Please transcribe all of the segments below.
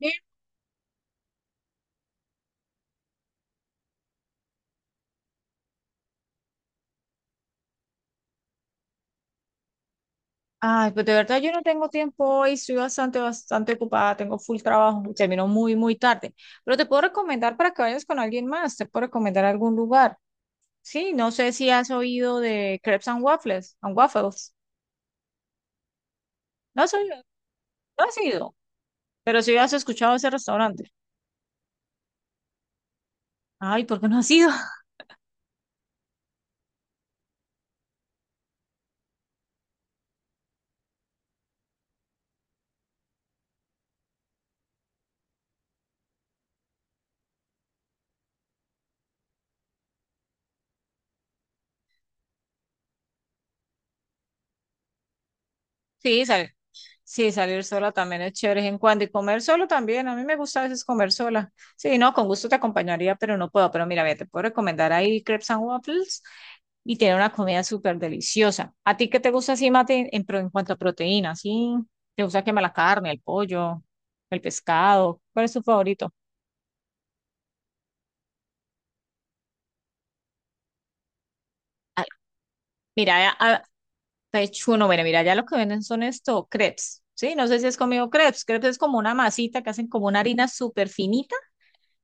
Bien. Ay, pues de verdad yo no tengo tiempo hoy, estoy bastante ocupada, tengo full trabajo, y termino muy tarde. Pero te puedo recomendar para que vayas con alguien más, te puedo recomendar algún lugar. Sí, no sé si has oído de Crepes and Waffles, No has oído, no has ido, pero sí has escuchado ese restaurante. Ay, ¿por qué no has ido? Sí, sabes. Sí, salir sola también es chévere de vez en cuando y comer solo también. A mí me gusta a veces comer sola. Sí, no, con gusto te acompañaría, pero no puedo. Pero mira, ve, te puedo recomendar ahí Crepes and Waffles y tiene una comida súper deliciosa. ¿A ti qué te gusta así, Mate, en cuanto a proteína? ¿Sí? ¿Te gusta quemar la carne, el pollo, el pescado? ¿Cuál es tu favorito? Ah, mira, pechuno, mira, ya lo que venden son estos crepes. Sí, no sé si has comido crepes. Crepes es como una masita que hacen como una harina súper finita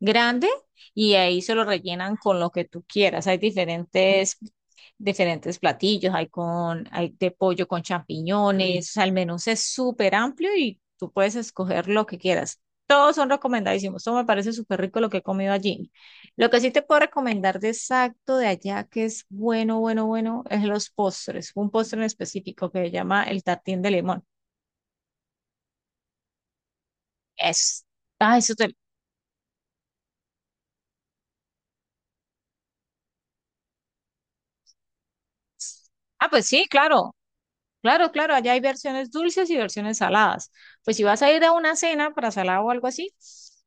grande y ahí se lo rellenan con lo que tú quieras. Hay diferentes platillos, hay de pollo con champiñones, o sea, el menú es súper amplio y tú puedes escoger lo que quieras. Todos son recomendadísimos. Todo me parece súper rico lo que he comido allí. Lo que sí te puedo recomendar de exacto de allá, que es bueno, es los postres. Un postre en específico que se llama el tartín de limón. Es, ah, eso te... Ah, pues sí, claro. Claro, allá hay versiones dulces y versiones saladas. Pues si vas a ir a una cena para salado o algo así,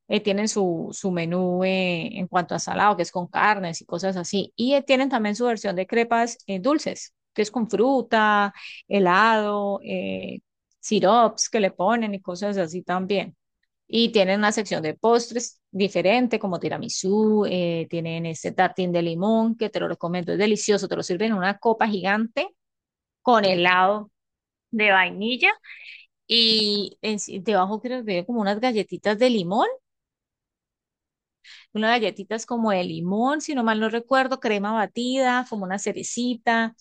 tienen su menú en cuanto a salado, que es con carnes y cosas así. Y tienen también su versión de crepas dulces, que es con fruta, helado, sirops que le ponen y cosas así también. Y tienen una sección de postres diferente, como tiramisú, tienen este tartín de limón, que te lo recomiendo, es delicioso, te lo sirven en una copa gigante con helado de vainilla sí, debajo creo que había como unas galletitas de limón, unas galletitas como de limón, si no mal no recuerdo, crema batida, como una cerecita.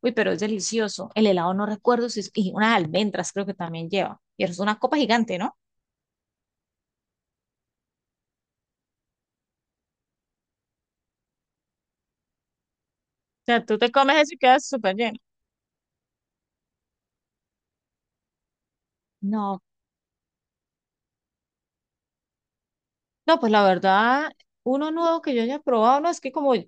Uy, pero es delicioso. El helado no recuerdo si es, y unas almendras creo que también lleva. Y es una copa gigante, ¿no? O sea, tú te comes eso y quedas súper lleno. No, No, pues la verdad, uno nuevo que yo haya probado, no, es que como yo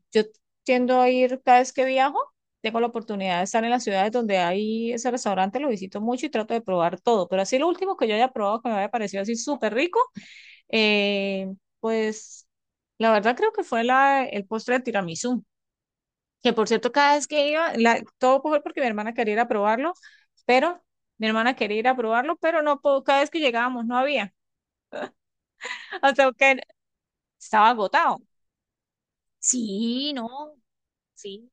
tiendo a ir cada vez que viajo, tengo la oportunidad de estar en las ciudades donde hay ese restaurante, lo visito mucho y trato de probar todo, pero así lo último que yo haya probado que me haya parecido así súper rico, eh, pues la verdad creo que fue el postre de tiramisú, que por cierto cada vez que iba, todo fue porque mi hermana quería ir a probarlo, pero mi hermana quería ir a probarlo, pero no, cada vez que llegábamos no había, hasta que estaba agotado. Sí, no, sí.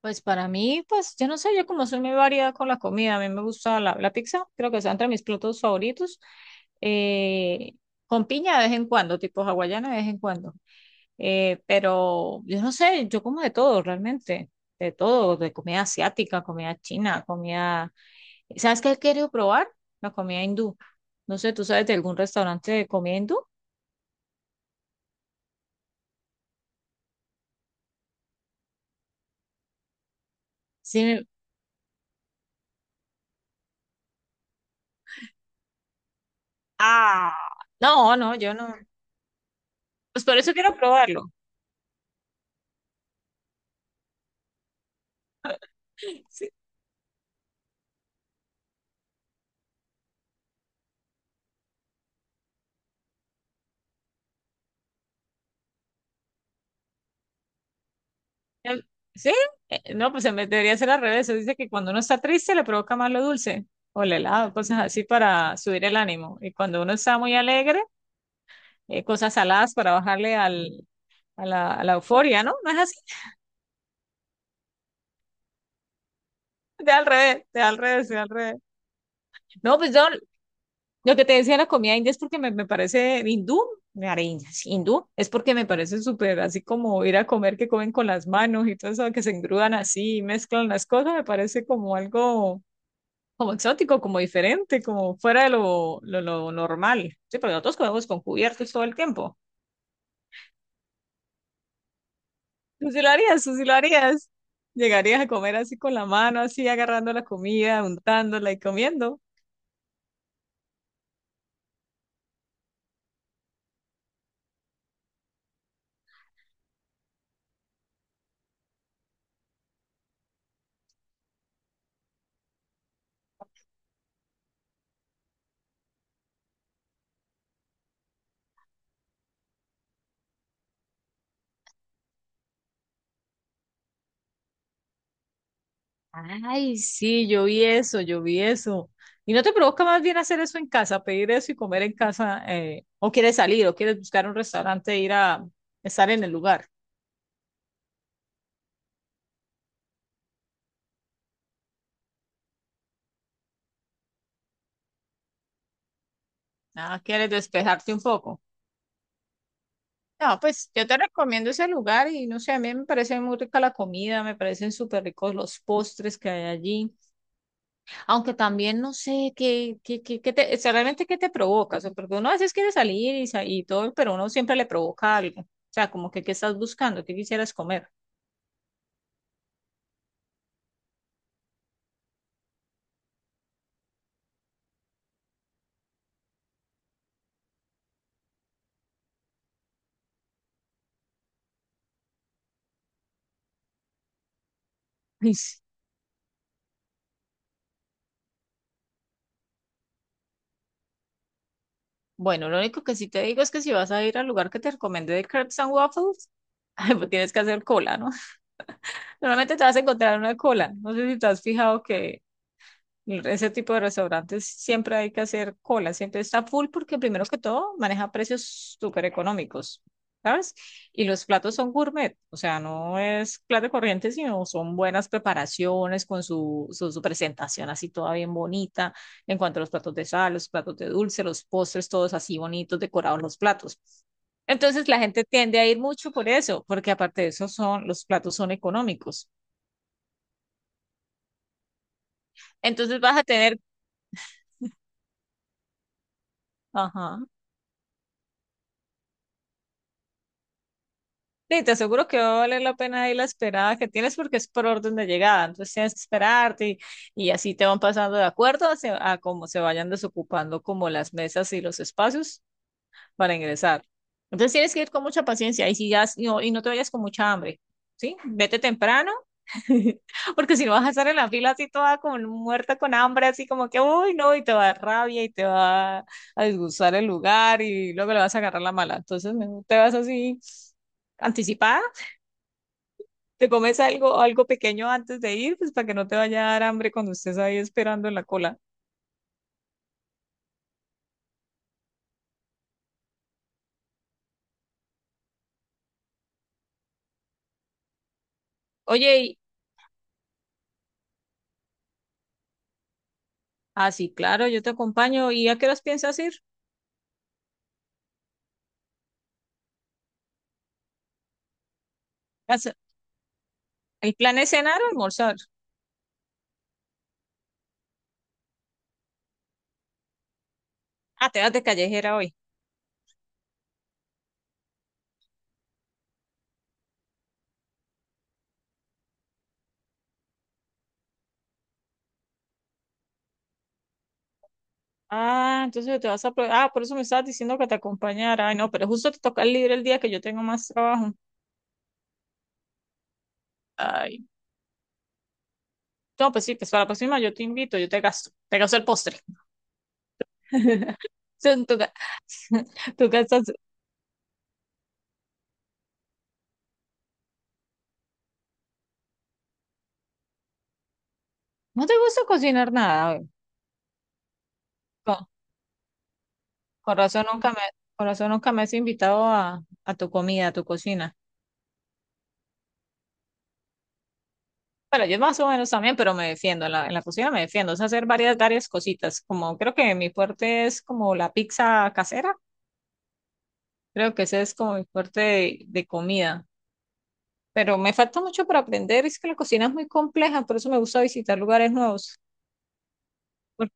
Pues para mí, pues yo no sé, yo como soy muy variada con la comida, a mí me gusta la pizza, creo que está entre mis platos favoritos. eh, con piña de vez en cuando, tipo hawaiana de vez en cuando. Pero yo no sé, yo como de todo realmente, de todo, de comida asiática, comida china, comida... ¿Sabes qué he querido probar? La comida hindú. No sé, ¿tú sabes de algún restaurante de comida hindú? Sí. Ah, no, yo no. Pues por eso quiero probarlo. Em, ¿Sí? No, pues se me debería ser al revés. Se dice que cuando uno está triste le provoca más lo dulce o el helado, cosas así para subir el ánimo. Y cuando uno está muy alegre, cosas saladas para bajarle a la euforia, ¿no? No es así. De al revés. No, pues yo lo que te decía de la comida india es porque me parece hindú, me areñas, hindú, es porque me parece súper así como ir a comer que comen con las manos y todo eso, que se engrudan así y mezclan las cosas, me parece como algo como exótico, como diferente, como fuera de lo normal. Sí, porque nosotros comemos con cubiertos todo el tiempo. Tú sí lo harías. Llegarías a comer así con la mano, así agarrando la comida, untándola y comiendo. Ay, sí, yo vi eso. ¿Y no te provoca más bien hacer eso en casa, pedir eso y comer en casa? ¿O quieres salir, o quieres buscar un restaurante e ir a estar en el lugar? Ah, ¿quieres despejarte un poco? No, pues yo te recomiendo ese lugar y no sé, a mí me parece muy rica la comida, me parecen súper ricos los postres que hay allí, aunque también no sé qué te, o sea, realmente qué te provoca, o sea, porque uno a veces quiere salir y todo, pero uno siempre le provoca algo, o sea, como que qué estás buscando, qué quisieras comer. Ay, sí. Bueno, lo único que sí te digo es que si vas a ir al lugar que te recomendé de Crepes and Waffles, pues tienes que hacer cola, ¿no? Normalmente te vas a encontrar una cola, no sé si te has fijado que ese tipo de restaurantes siempre hay que hacer cola, siempre está full porque primero que todo maneja precios súper económicos, ¿sabes? Y los platos son gourmet, o sea, no es plato corriente, sino son buenas preparaciones con su presentación así toda bien bonita, en cuanto a los platos de sal, los platos de dulce, los postres, todos así bonitos, decorados los platos. Entonces la gente tiende a ir mucho por eso, porque aparte de eso son, los platos son económicos. Entonces vas a tener, ajá. Sí, te aseguro que va a valer la pena ahí la esperada que tienes porque es por orden de llegada, entonces tienes que esperarte y así te van pasando de acuerdo a cómo se vayan desocupando como las mesas y los espacios para ingresar. Entonces tienes que ir con mucha paciencia y no, y no te vayas con mucha hambre, ¿sí? Vete temprano porque si no vas a estar en la fila así toda como muerta con hambre, así como que, uy, no, y te va a dar rabia y te va a disgustar el lugar y luego le vas a agarrar la mala. Entonces mejor te vas así anticipada, te comes algo, algo pequeño antes de ir, pues para que no te vaya a dar hambre cuando estés ahí esperando en la cola. Oye, y, ah, sí, claro, yo te acompaño. ¿Y a qué horas piensas ir? As- ¿El plan es cenar o almorzar? Ah, te vas de callejera hoy. Ah, entonces te vas a... pro- ah, por eso me estabas diciendo que te acompañara. Ay, no, pero justo te toca libre el día que yo tengo más trabajo. Ay, no, pues sí, pues para la próxima yo te invito, yo te gasto el postre. Tú, tú ga- tú gastas... ¿No te gusta cocinar nada? ¿Güey? Con razón nunca me, con razón nunca me has invitado a tu comida, a tu cocina. Bueno, yo más o menos también, pero me defiendo, en en la cocina me defiendo, o sea, hacer varias cositas, como creo que mi fuerte es como la pizza casera, creo que ese es como mi fuerte de comida, pero me falta mucho para aprender, es que la cocina es muy compleja, por eso me gusta visitar lugares nuevos. Por-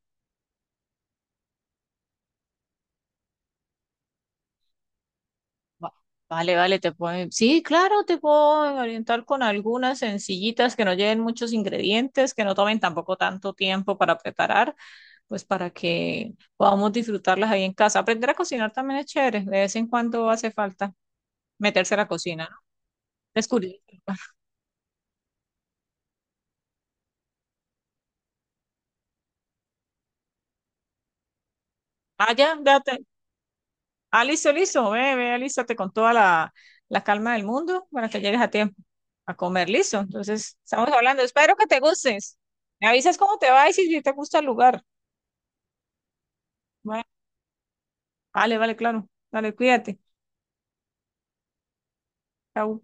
va- Vale, te puedo, sí, claro, te puedo orientar con algunas sencillitas que no lleven muchos ingredientes, que no tomen tampoco tanto tiempo para preparar pues para que podamos disfrutarlas ahí en casa. Aprender a cocinar también es chévere, de vez en cuando hace falta meterse a la cocina, ¿no? Descubrir. Ah, ya, ya te- Ah, listo, ve, alístate con toda la calma del mundo para que llegues a tiempo a comer, listo. Entonces, estamos hablando, espero que te gustes. Me avisas cómo te va y si te gusta el lugar. Bueno, vale, claro. Dale, cuídate. Chao.